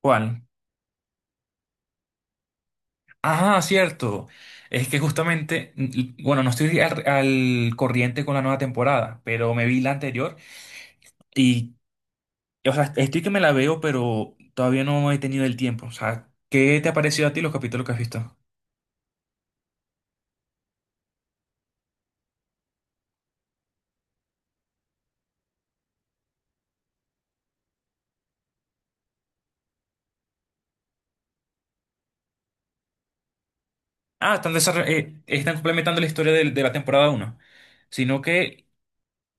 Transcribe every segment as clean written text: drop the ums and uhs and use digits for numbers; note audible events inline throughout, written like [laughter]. ¿Cuál? Ah, cierto. Es que justamente, bueno, no estoy al corriente con la nueva temporada, pero me vi la anterior y, o sea, estoy que me la veo, pero todavía no he tenido el tiempo. O sea, ¿qué te ha parecido a ti los capítulos que has visto? Ah, están complementando la historia de la temporada uno, sino que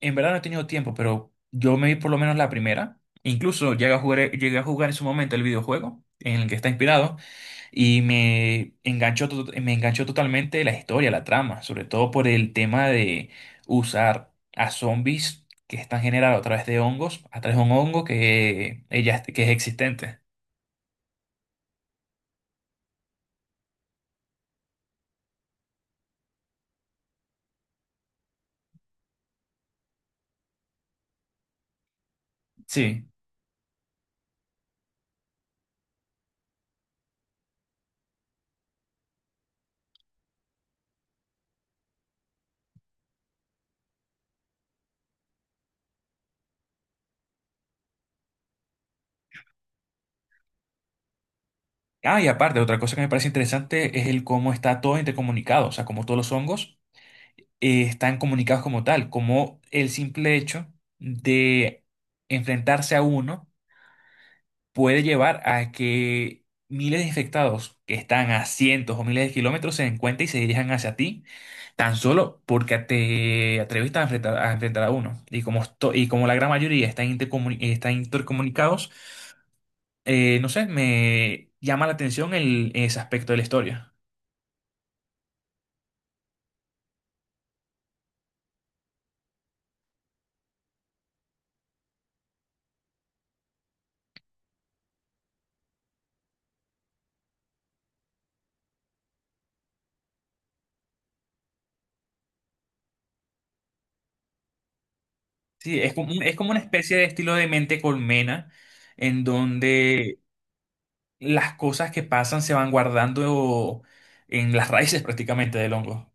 en verdad no he tenido tiempo, pero yo me vi por lo menos la primera. Incluso llegué a jugar en su momento el videojuego en el que está inspirado. Y me enganchó totalmente la historia, la trama, sobre todo por el tema de usar a zombies que están generados a través de hongos, a través de un hongo que que es existente. Sí. Ah, y aparte, otra cosa que me parece interesante es el cómo está todo intercomunicado, o sea, cómo todos los hongos están comunicados como tal, como el simple hecho de enfrentarse a uno puede llevar a que miles de infectados que están a cientos o miles de kilómetros se den cuenta y se dirijan hacia ti, tan solo porque te atreviste a enfrentar a uno. Y y como la gran mayoría están, están intercomunicados, no sé, me llama la atención ese aspecto de la historia. Sí, es es como una especie de estilo de mente colmena, en donde las cosas que pasan se van guardando en las raíces prácticamente del hongo.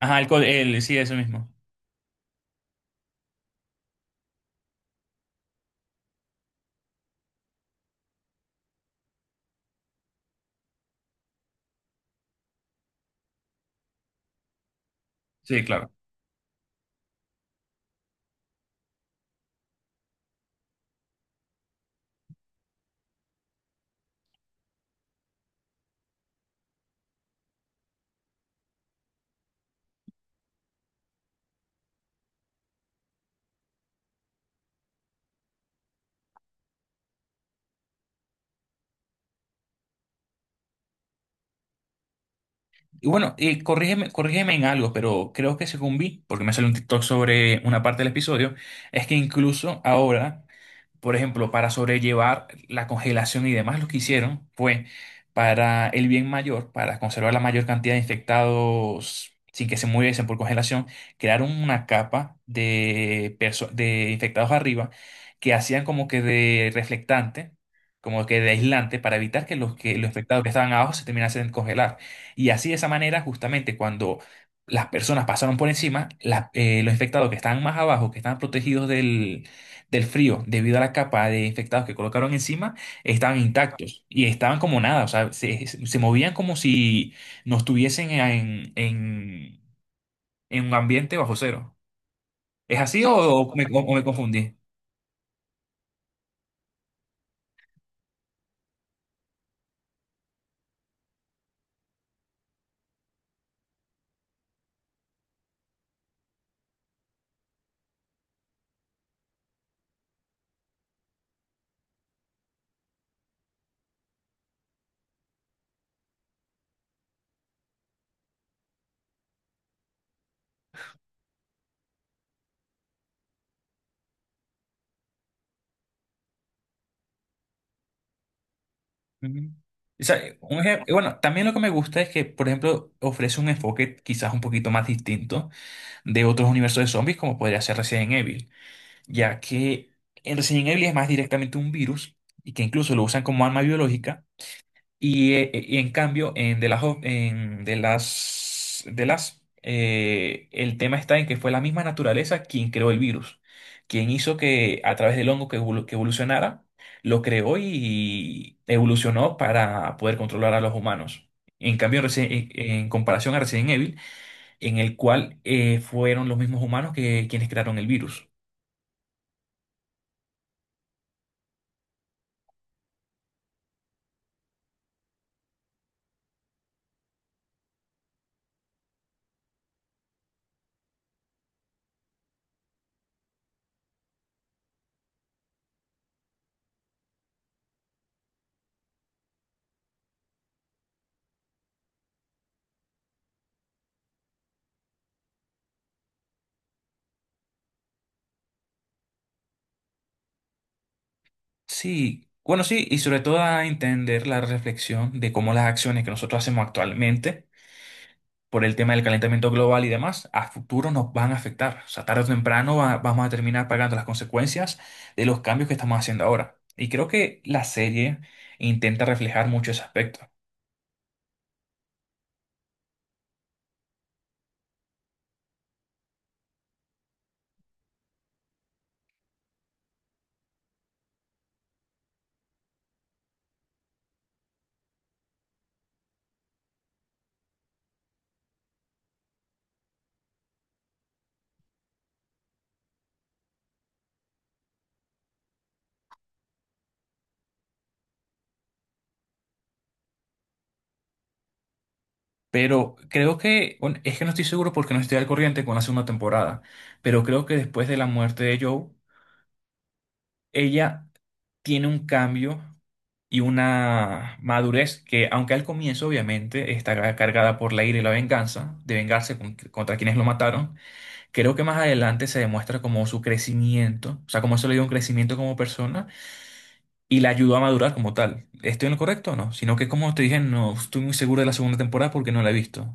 Ajá, sí, eso mismo. Sí, claro. Y bueno, corrígeme en algo, pero creo que según vi, porque me salió un TikTok sobre una parte del episodio, es que incluso ahora. Por ejemplo, para sobrellevar la congelación y demás, lo que hicieron fue para el bien mayor, para conservar la mayor cantidad de infectados sin que se muriesen por congelación, crearon una capa de infectados arriba que hacían como que de reflectante, como que de aislante, para evitar que que los infectados que estaban abajo se terminasen de congelar. Y así de esa manera, justamente cuando las personas pasaron por encima, los infectados que estaban más abajo, que estaban protegidos del frío, debido a la capa de infectados que colocaron encima, estaban intactos y estaban como nada, o sea, se movían como si no estuviesen en un ambiente bajo cero. ¿Es así no, o me confundí? Ujú. O sea, bueno, también lo que me gusta es que, por ejemplo, ofrece un enfoque quizás un poquito más distinto de otros universos de zombies, como podría ser Resident Evil, ya que en Resident Evil es más directamente un virus y que incluso lo usan como arma biológica. Y en cambio, en The Last, el tema está en que fue la misma naturaleza quien creó el virus, quien hizo que a través del hongo que evolucionara, lo creó y evolucionó para poder controlar a los humanos. En cambio, en comparación a Resident Evil, en el cual fueron los mismos humanos que quienes crearon el virus. Sí, bueno, sí, y sobre todo a entender la reflexión de cómo las acciones que nosotros hacemos actualmente por el tema del calentamiento global y demás, a futuro nos van a afectar. O sea, tarde o temprano vamos a terminar pagando las consecuencias de los cambios que estamos haciendo ahora. Y creo que la serie intenta reflejar mucho ese aspecto. Pero creo que, bueno, es que no estoy seguro porque no estoy al corriente con la segunda temporada, pero creo que después de la muerte de Joe, ella tiene un cambio y una madurez que, aunque al comienzo obviamente está cargada por la ira y la venganza, de vengarse contra quienes lo mataron. Creo que más adelante se demuestra como su crecimiento, o sea, como eso le dio un crecimiento como persona y la ayudó a madurar como tal. ¿Estoy en lo correcto o no? Sino que como te dije, no estoy muy seguro de la segunda temporada porque no la he visto.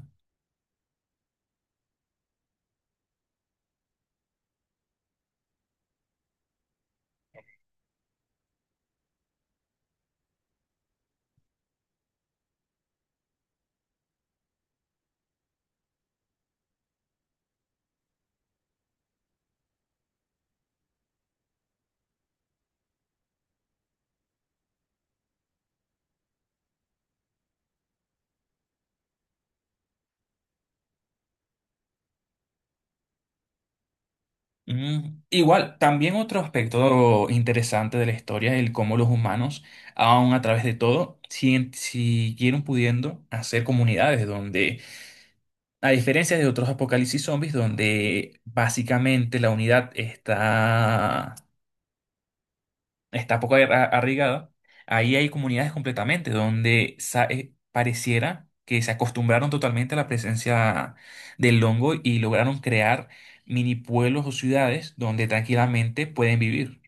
Igual, también otro aspecto interesante de la historia es el cómo los humanos, aun a través de todo, siguieron pudiendo hacer comunidades donde, a diferencia de otros apocalipsis zombies, donde básicamente la unidad está poco arraigada, ahí hay comunidades completamente donde pareciera que se acostumbraron totalmente a la presencia del hongo y lograron crear mini pueblos o ciudades donde tranquilamente pueden vivir.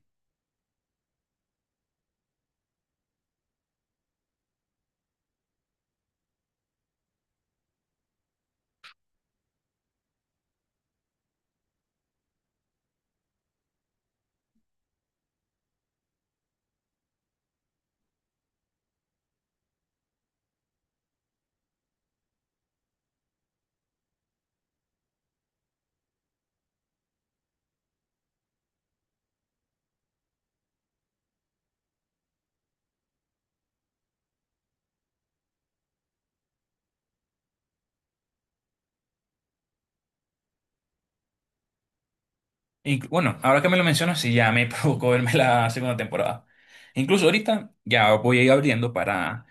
Bueno, ahora que me lo mencionas, sí, ya me [laughs] provocó verme la segunda temporada. Incluso ahorita ya voy a ir abriendo para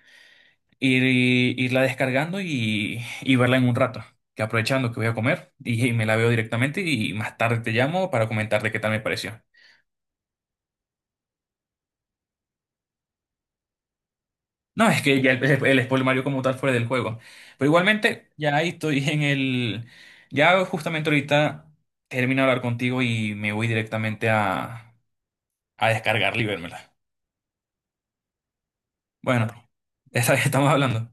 irla descargando y verla en un rato. Que aprovechando que voy a comer y me la veo directamente y más tarde te llamo para comentarte qué tal me pareció. No, es que ya el spoiler Mario como tal fuera del juego. Pero igualmente, ya ahí estoy en el... Ya justamente ahorita termino de hablar contigo y me voy directamente a descargar y vérmela. Bueno, [laughs] esa vez estamos hablando.